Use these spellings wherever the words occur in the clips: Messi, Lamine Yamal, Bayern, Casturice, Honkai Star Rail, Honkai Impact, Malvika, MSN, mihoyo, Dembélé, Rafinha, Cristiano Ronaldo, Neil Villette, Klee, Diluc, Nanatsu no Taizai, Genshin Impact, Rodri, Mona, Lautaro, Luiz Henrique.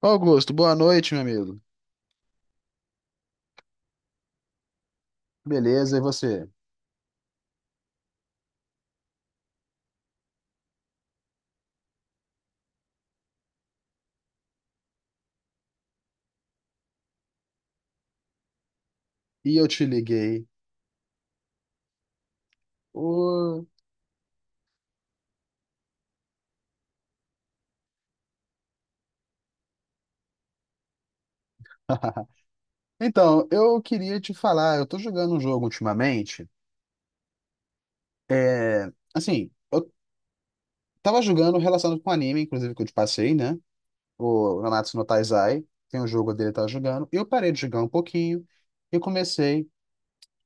Augusto, boa noite, meu amigo. Beleza, e você? E eu te liguei. Ô. Então, eu queria te falar, eu tô jogando um jogo ultimamente. É, assim, eu tava jogando relacionado com anime, inclusive que eu te passei, né? O Nanatsu no Taizai, tem um jogo dele que eu tava jogando. Eu parei de jogar um pouquinho e comecei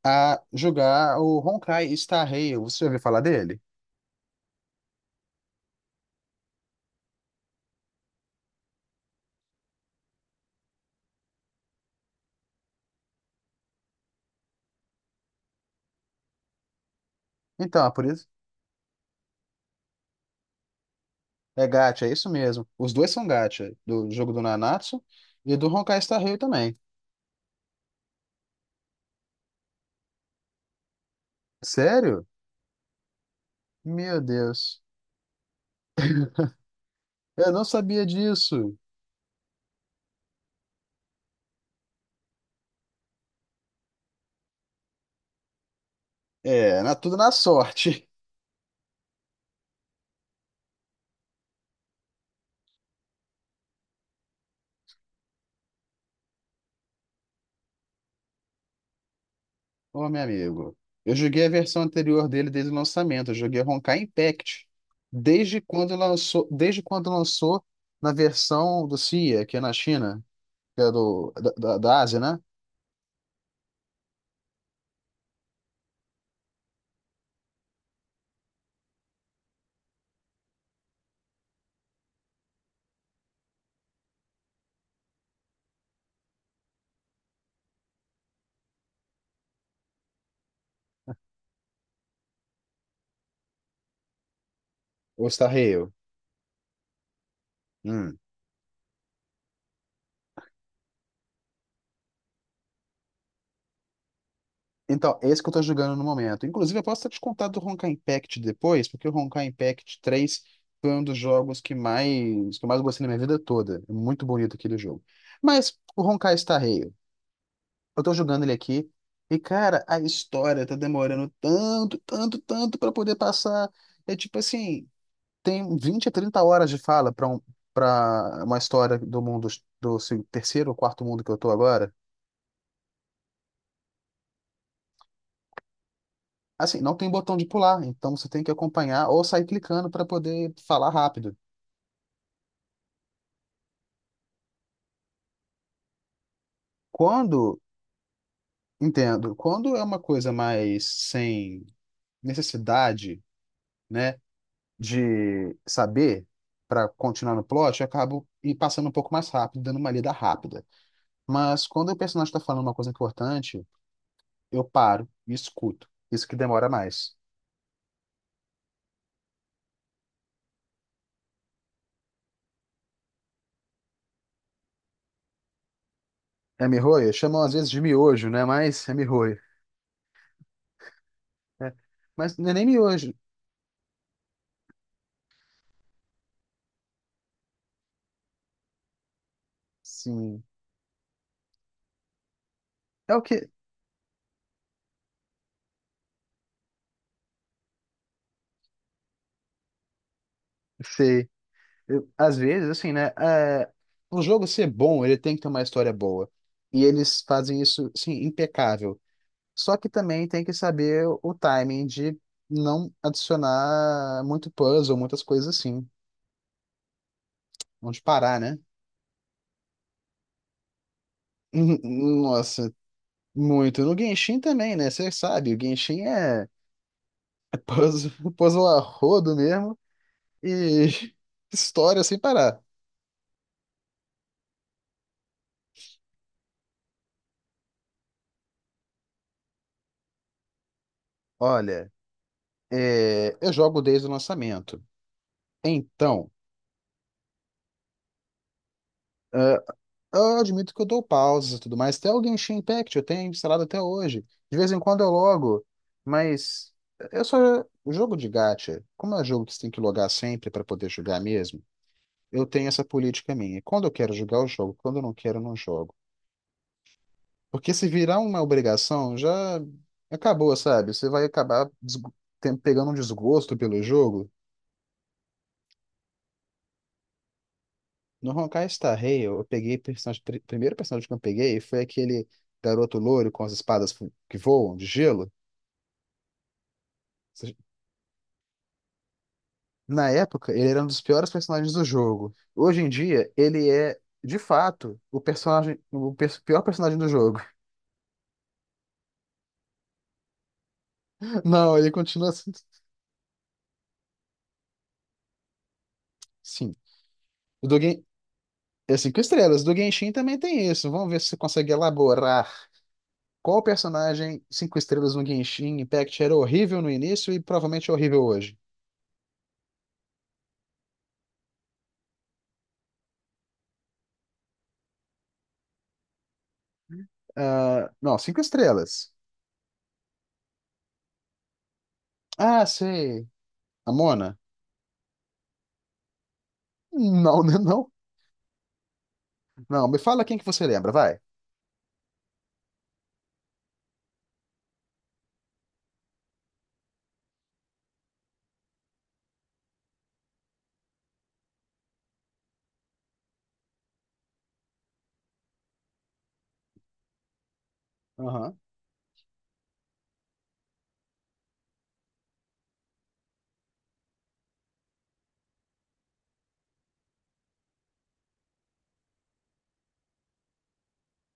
a jogar o Honkai Star Rail. Você já ouviu falar dele? Então, é por isso. É gacha, é isso mesmo. Os dois são gacha, do jogo do Nanatsu e do Honkai Star Rail também. Sério? Meu Deus. Eu não sabia disso. É, tudo na sorte. Ô, meu amigo. Eu joguei a versão anterior dele desde o lançamento. Eu joguei Honkai Impact. Desde quando lançou na versão do CIA, que é na China, que é da Ásia, né? O Star Rail. Hum. Então, é esse que eu tô jogando no momento. Inclusive, eu posso até te contar do Honkai Impact depois, porque o Honkai Impact 3 foi um dos jogos que eu mais gostei na minha vida toda. É muito bonito aquele jogo. Mas o Honkai Star Rail, eu tô jogando ele aqui, e cara, a história tá demorando tanto, tanto, tanto pra poder passar. É tipo assim, tem 20 a 30 horas de fala para uma história do mundo do terceiro ou quarto mundo que eu tô agora. Assim, não tem botão de pular, então você tem que acompanhar ou sair clicando para poder falar rápido. Quando, entendo, quando é uma coisa mais sem necessidade, né, de saber para continuar no plot, eu acabo e passando um pouco mais rápido, dando uma lida rápida. Mas quando o personagem está falando uma coisa importante, eu paro e escuto. Isso que demora mais. É mihoyo? Chamam às vezes de miojo, né? Mas é mihoyo, né? Mas não é nem miojo. Sim. É o que. Sei. Às vezes, assim, né? É, o jogo ser bom, ele tem que ter uma história boa. E eles fazem isso, assim, impecável. Só que também tem que saber o timing de não adicionar muito puzzle, muitas coisas assim. Onde parar, né? Hum, nossa, muito. No Genshin também, né? Você sabe, o Genshin é puzzle, puzzle a rodo mesmo e história sem parar. Olha, eu jogo desde o lançamento. Então. Eu admito que eu dou pausas e tudo mais. Até o Genshin Impact eu tenho instalado até hoje. De vez em quando eu logo, mas eu só o jogo de gacha, como é jogo que você tem que logar sempre para poder jogar mesmo, eu tenho essa política minha. Quando eu quero jogar, eu jogo. Quando eu não quero, eu não jogo. Porque se virar uma obrigação, já acabou, sabe? Você vai acabar pegando um desgosto pelo jogo. No Honkai Star Rail, eu peguei personagem, primeiro personagem que eu peguei foi aquele garoto loiro com as espadas que voam de gelo. seja, Na época, ele era um dos piores personagens do jogo. Hoje em dia, ele é, de fato, o pior personagem do jogo. Não, ele continua assim. Sim. O do Gen... É cinco estrelas. Do Genshin também tem isso. Vamos ver se você consegue elaborar qual personagem cinco estrelas no Genshin Impact era horrível no início e provavelmente é horrível hoje. Ah, não, cinco estrelas. Ah, sei. A Mona? Não, né, não. Não, me fala quem que você lembra, vai. Aham.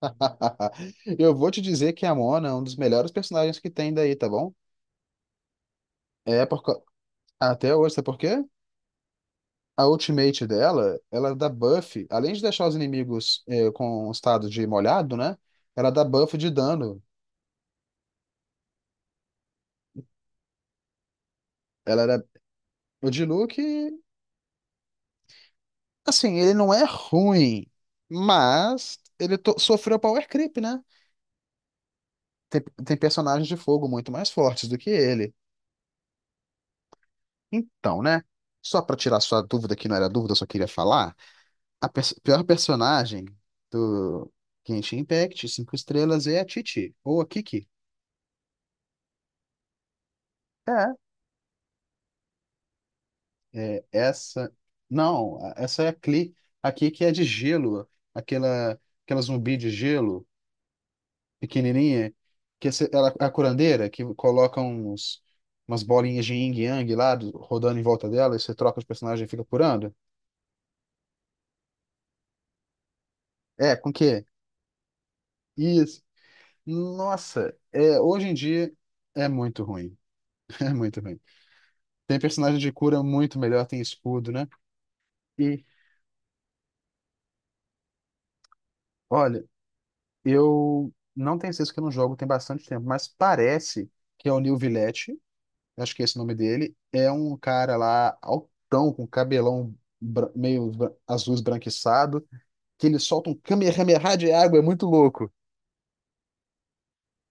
Eu vou te dizer que a Mona é um dos melhores personagens que tem daí, tá bom? É por... co- Até hoje, sabe por quê? A ultimate dela, ela dá buff, além de deixar os inimigos com o estado de molhado, né? Ela dá buff de dano. Ela era... O Diluc, assim, ele não é ruim, mas ele sofreu power creep, né? Tem personagens de fogo muito mais fortes do que ele. Então, né? Só pra tirar sua dúvida, que não era dúvida, eu só queria falar. A pior personagem do Genshin Impact, cinco estrelas, é a Titi, ou a Kiki. É, é essa. Não, essa é a Klee. A Kiki é de gelo, aquela zumbi de gelo, pequenininha, ela, a curandeira, que coloca umas bolinhas de yin yang lá, rodando em volta dela, e você troca os personagens e fica curando. É, com que? Isso. Nossa, hoje em dia é muito ruim. É muito ruim. Tem personagem de cura muito melhor, tem escudo, né? E, olha, eu não tenho certeza que eu não jogo tem bastante tempo, mas parece que é o Neil Villette, acho que é esse o nome dele, é um cara lá altão, com cabelão azul esbranquiçado, que ele solta um kamehameha de água, é muito louco.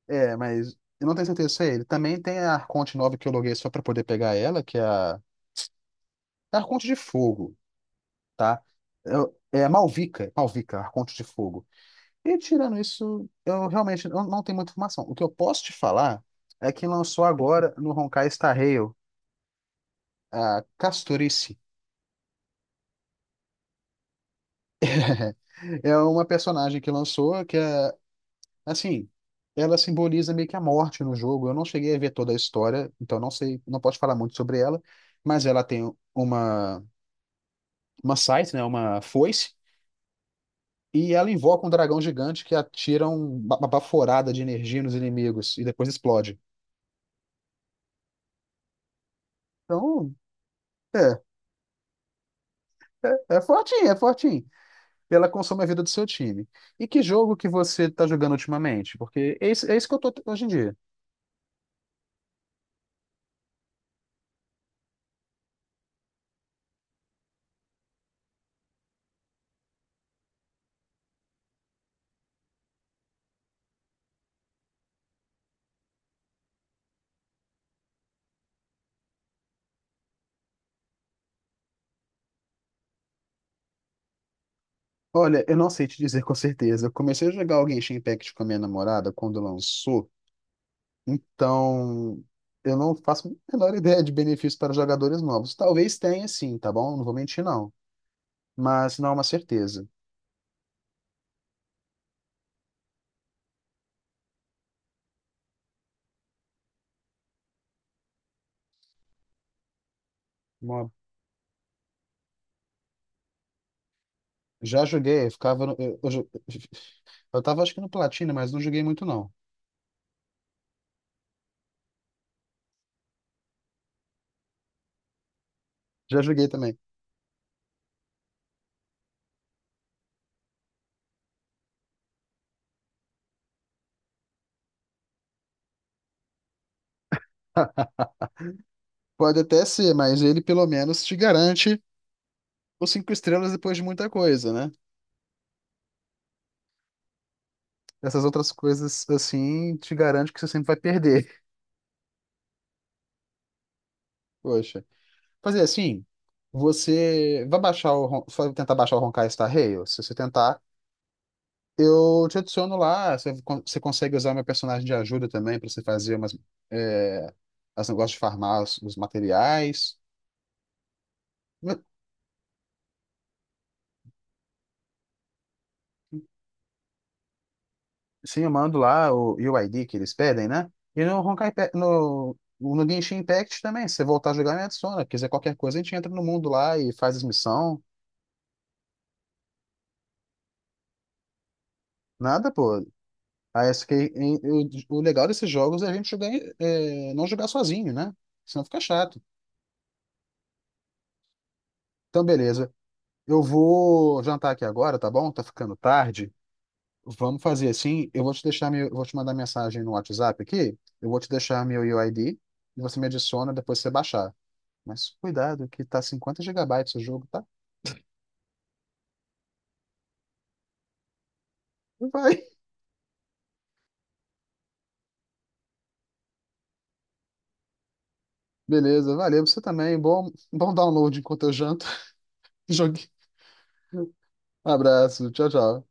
É, mas eu não tenho certeza se é ele. Também tem a Arconte nova que eu loguei só pra poder pegar ela, que é a Arconte de Fogo, tá? É a Malvika, Malvika, Arconte de Fogo. E tirando isso, eu realmente eu não tenho muita informação. O que eu posso te falar é que lançou agora no Honkai Star Rail a Casturice. É uma personagem que lançou que é, assim, ela simboliza meio que a morte no jogo. Eu não cheguei a ver toda a história, então não sei, não posso falar muito sobre ela, mas ela tem uma scythe, né, uma foice, e ela invoca um dragão gigante que atira uma baforada de energia nos inimigos e depois explode. Então, é. É fortinho, é fortinho. Ela consome a vida do seu time. E que jogo que você está jogando ultimamente? Porque é isso que eu tô hoje em dia. Olha, eu não sei te dizer com certeza. Eu comecei a jogar o Genshin Impact com a minha namorada quando lançou. Então, eu não faço a menor ideia de benefícios para jogadores novos. Talvez tenha sim, tá bom? Não vou mentir, não. Mas não é uma certeza. Uma- Já joguei, eu ficava. Eu tava acho que no Platina, mas não joguei muito, não. Já joguei também. Pode até ser, mas ele pelo menos te garante os cinco estrelas depois de muita coisa, né? Essas outras coisas, assim, te garante que você sempre vai perder. Poxa. Fazer assim, você vai baixar. Só tentar baixar o Honkai Star Rail? Se você tentar, eu te adiciono lá. Você consegue usar meu personagem de ajuda também pra você fazer umas... É, as negócios de farmar os materiais. Sim, eu mando lá o UID que eles pedem, né? E no Honkai, Pe- no, no Genshin Impact também, se você voltar a jogar, me adiciona. Quiser qualquer coisa, a gente entra no mundo lá e faz as missões. Nada, pô. Aí, o legal desses jogos é a gente jogar, não jogar sozinho, né? Senão fica chato. Então, beleza. Eu vou jantar aqui agora, tá bom? Tá ficando tarde. Vamos fazer assim. Eu vou te mandar mensagem no WhatsApp aqui. Eu vou te deixar meu UID e você me adiciona depois que você baixar. Mas cuidado, que tá 50 gigabytes o jogo, tá? Vai. Beleza, valeu você também. Bom download enquanto eu janto. Jogue. Abraço, tchau, tchau.